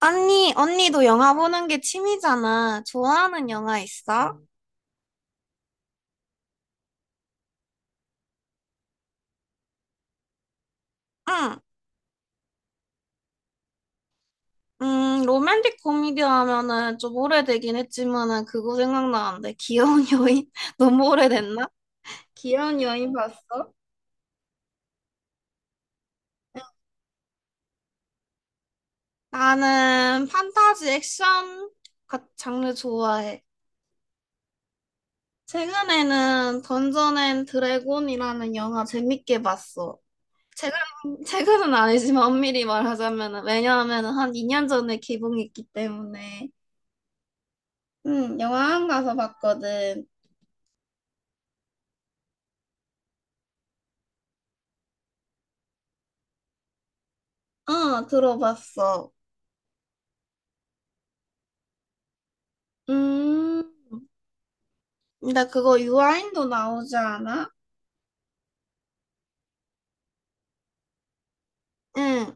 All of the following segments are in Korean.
언니, 언니도 영화 보는 게 취미잖아. 좋아하는 영화 있어? 응. 로맨틱 코미디 하면은 좀 오래되긴 했지만은 그거 생각나는데. 귀여운 여인? 너무 오래됐나? 귀여운 여인 봤어? 나는 판타지 액션 장르 좋아해. 최근에는 던전 앤 드래곤이라는 영화 재밌게 봤어. 최근, 최근은 아니지만 엄밀히 말하자면은, 왜냐하면은 한 2년 전에 개봉했기 때문에. 응, 영화관 가서 봤거든. 어, 들어봤어. 음, 근데 그거 유아인도 나오지 않아? 응.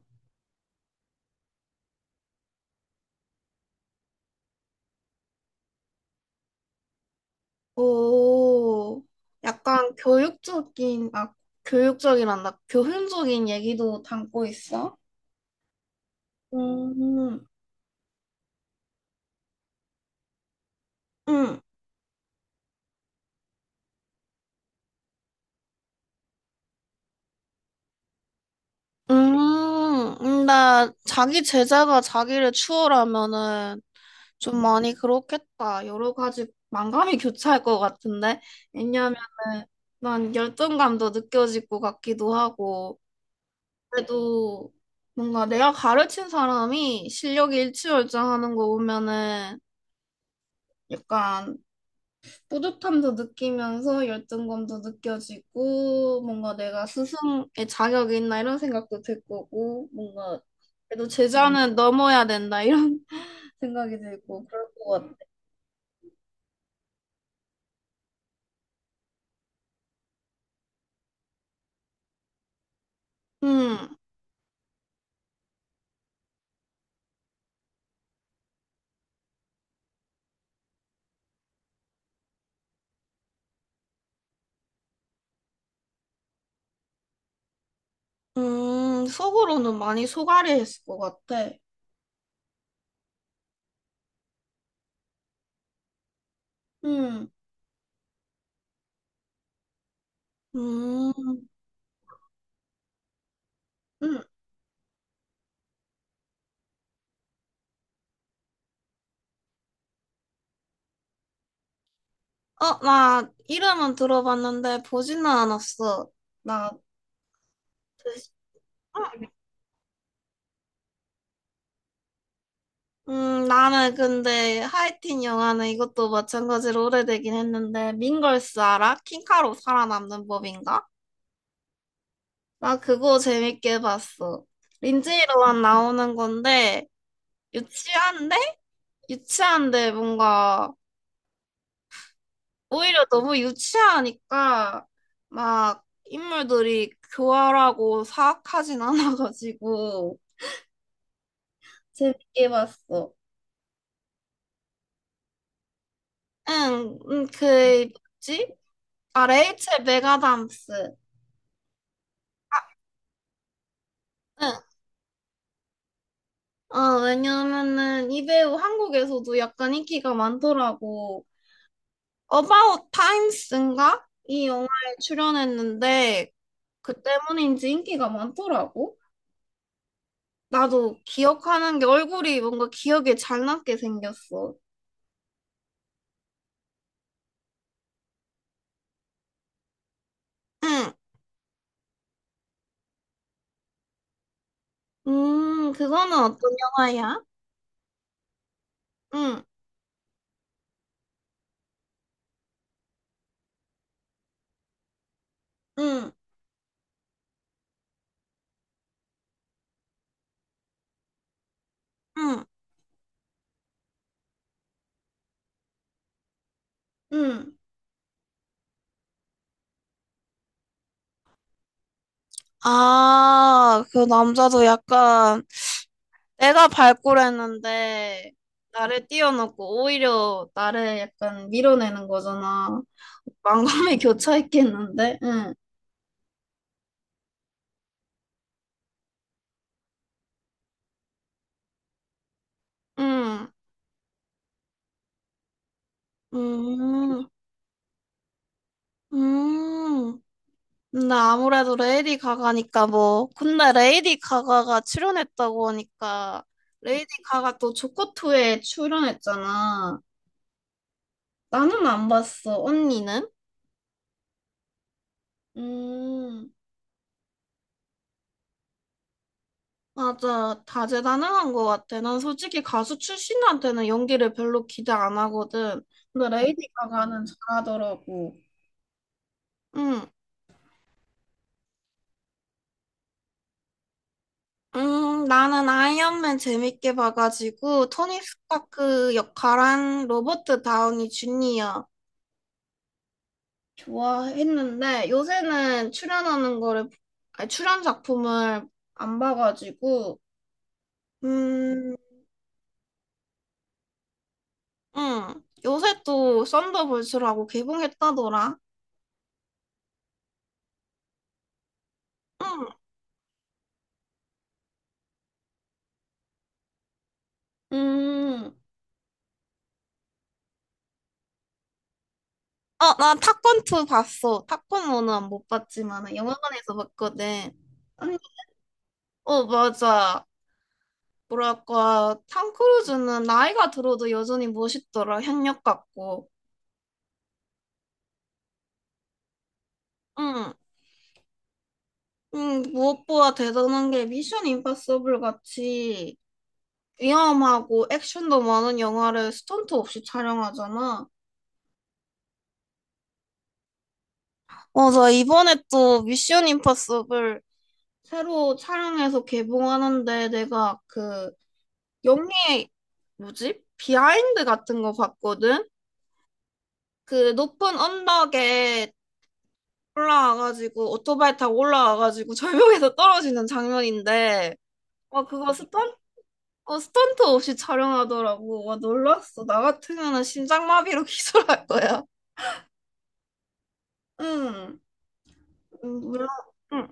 오, 약간 교육적인, 아, 교육적이란다. 교훈적인 얘기도 담고 있어? 음. 응. 음. 나 자기 제자가 자기를 추월하면은 좀 많이 그렇겠다. 여러 가지 만감이 교차할 것 같은데. 왜냐면은 난 열등감도 느껴질 것 같기도 하고. 그래도 뭔가 내가 가르친 사람이 실력이 일취월장하는 거 보면은 약간 뿌듯함도 느끼면서 열등감도 느껴지고 뭔가 내가 스승의 자격이 있나 이런 생각도 들 거고 뭔가 그래도 제자는 넘어야 된다 이런 생각이 들고 그럴 것 같아. 음. 속으로는 많이 속앓이했을 것 같아. 음... 음. 음. 어, 나 이름은 들어봤는데 보지는 않았어. 나, 나는 근데 하이틴 영화는 이것도 마찬가지로 오래되긴 했는데 민걸스 알아? 킹카로 살아남는 법인가? 나 그거 재밌게 봤어. 린지 로만 나오는 건데 유치한데? 유치한데 뭔가 오히려 너무 유치하니까 막 인물들이 교활하고 사악하진 않아가지고 재밌게 봤어. 응, 응, 그 뭐지? 아 레이첼 메가담스. 응. 어, 왜냐면은 이 배우 한국에서도 약간 인기가 많더라고. 어바웃 타임스인가? 이 영화에 출연했는데 그 때문인지 인기가 많더라고. 나도 기억하는 게 얼굴이 뭔가 기억에 잘 남게 생겼어. 응. 그거는 어떤 영화야? 응. 응. 응. 응. 아, 그 남자도 약간 내가 발굴했는데 나를 띄워놓고 오히려 나를 약간 밀어내는 거잖아. 만감이 교차했겠는데? 응. 응. 음. 음. 근데 아무래도 레이디 가가니까 뭐 근데 레이디 가가가 출연했다고 하니까 레이디 가가 또 조커2에 출연했잖아. 나는 안 봤어. 언니는? 음 맞아, 다재다능한 것 같아. 난 솔직히 가수 출신한테는 연기를 별로 기대 안 하거든. 근데 레이디 가가는 잘하더라고. 응. 나는 아이언맨 재밌게 봐가지고 토니 스타크 역할한 로버트 다우니 주니어 좋아했는데 요새는 출연하는 거를 아니, 출연 작품을 안 봐가지고. 음, 요새 또 썬더볼츠라고 개봉했다더라. 음. 음. 어, 나 타건 2 봤어. 타건 1은 못 봤지만 영화관에서 봤거든. 아니, 어, 맞아. 뭐랄까, 탐 크루즈는 나이가 들어도 여전히 멋있더라. 현역 같고. 응. 응, 무엇보다 대단한 게 미션 임파서블 같이 위험하고 액션도 많은 영화를 스턴트 없이 촬영하잖아. 맞아, 이번에 또 미션 임파서블, 새로 촬영해서 개봉하는데 내가 그 영리의 뭐지? 비하인드 같은 거 봤거든? 그 높은 언덕에 올라와가지고 오토바이 타고 올라와가지고 절벽에서 떨어지는 장면인데. 와, 그거 스턴트 없이 촬영하더라고. 와 놀랐어. 나 같으면은 심장마비로 기절할 거야. 응. 물론, 응.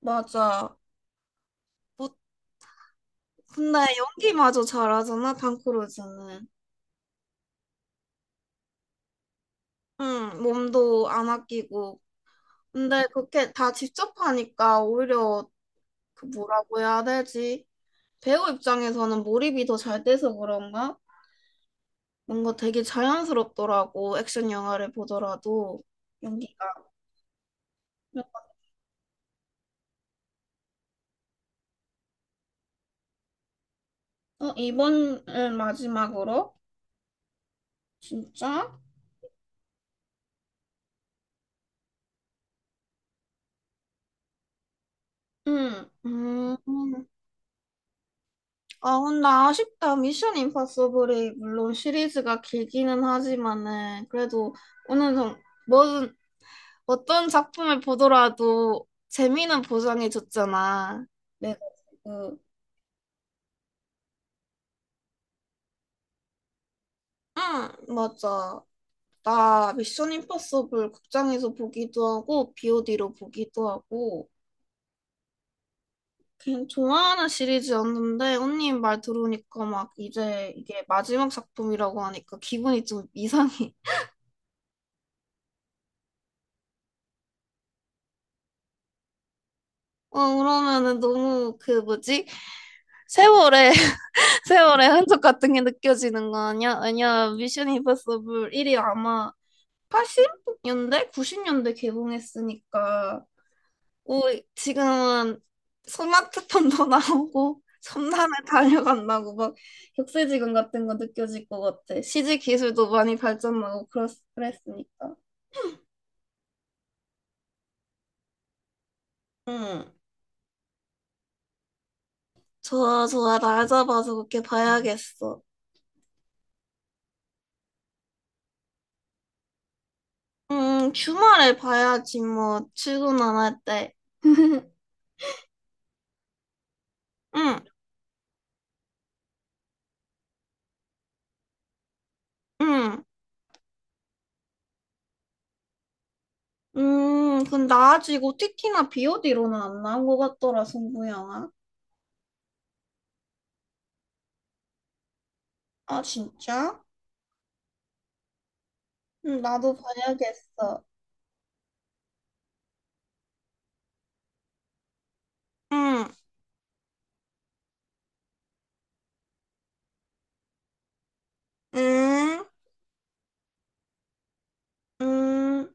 맞아. 뭐, 근데 연기마저 잘하잖아, 탕크루즈는. 응, 몸도 안 아끼고. 근데 그렇게 다 직접 하니까 오히려 그 뭐라고 해야 되지? 배우 입장에서는 몰입이 더 잘 돼서 그런가? 뭔가 되게 자연스럽더라고, 액션 영화를 보더라도. 연기가. 어, 이번을 마지막으로? 진짜? 응. 음. 아, 근데 아쉽다. 미션 임파서블이 물론 시리즈가 길기는 하지만은 그래도 어느 정도 뭐든 어떤 작품을 보더라도 재미는 보장해줬잖아. 내가 지금 응, 맞아. 나 미션 임파서블 극장에서 보기도 하고 BOD로 보기도 하고 그냥 좋아하는 시리즈였는데 언니 말 들으니까 막 이제 이게 마지막 작품이라고 하니까 기분이 좀 이상해. 어, 그러면은 너무 그 뭐지? 세월의 세월의 흔적 같은 게 느껴지는 거 아니야? 아니야, 미션 임파서블 1이 아마 80년대, 90년대 개봉했으니까. 오, 지금은 스마트폰도 나오고 첨단에 달려간다고 막 격세지감 같은 거 느껴질 것 같아. CG 기술도 많이 발전하고 그랬으니까. 응, 좋아, 좋아. 날 잡아서 그렇게 봐야겠어. 주말에 봐야지 뭐 출근 안 할 때. 응. 응. 근데 아직 o 티티나 비오디로는 안 나온 것 같더라, 승부영화. 아, 진짜? 응, 나도 봐야겠어. 응. 응. 응.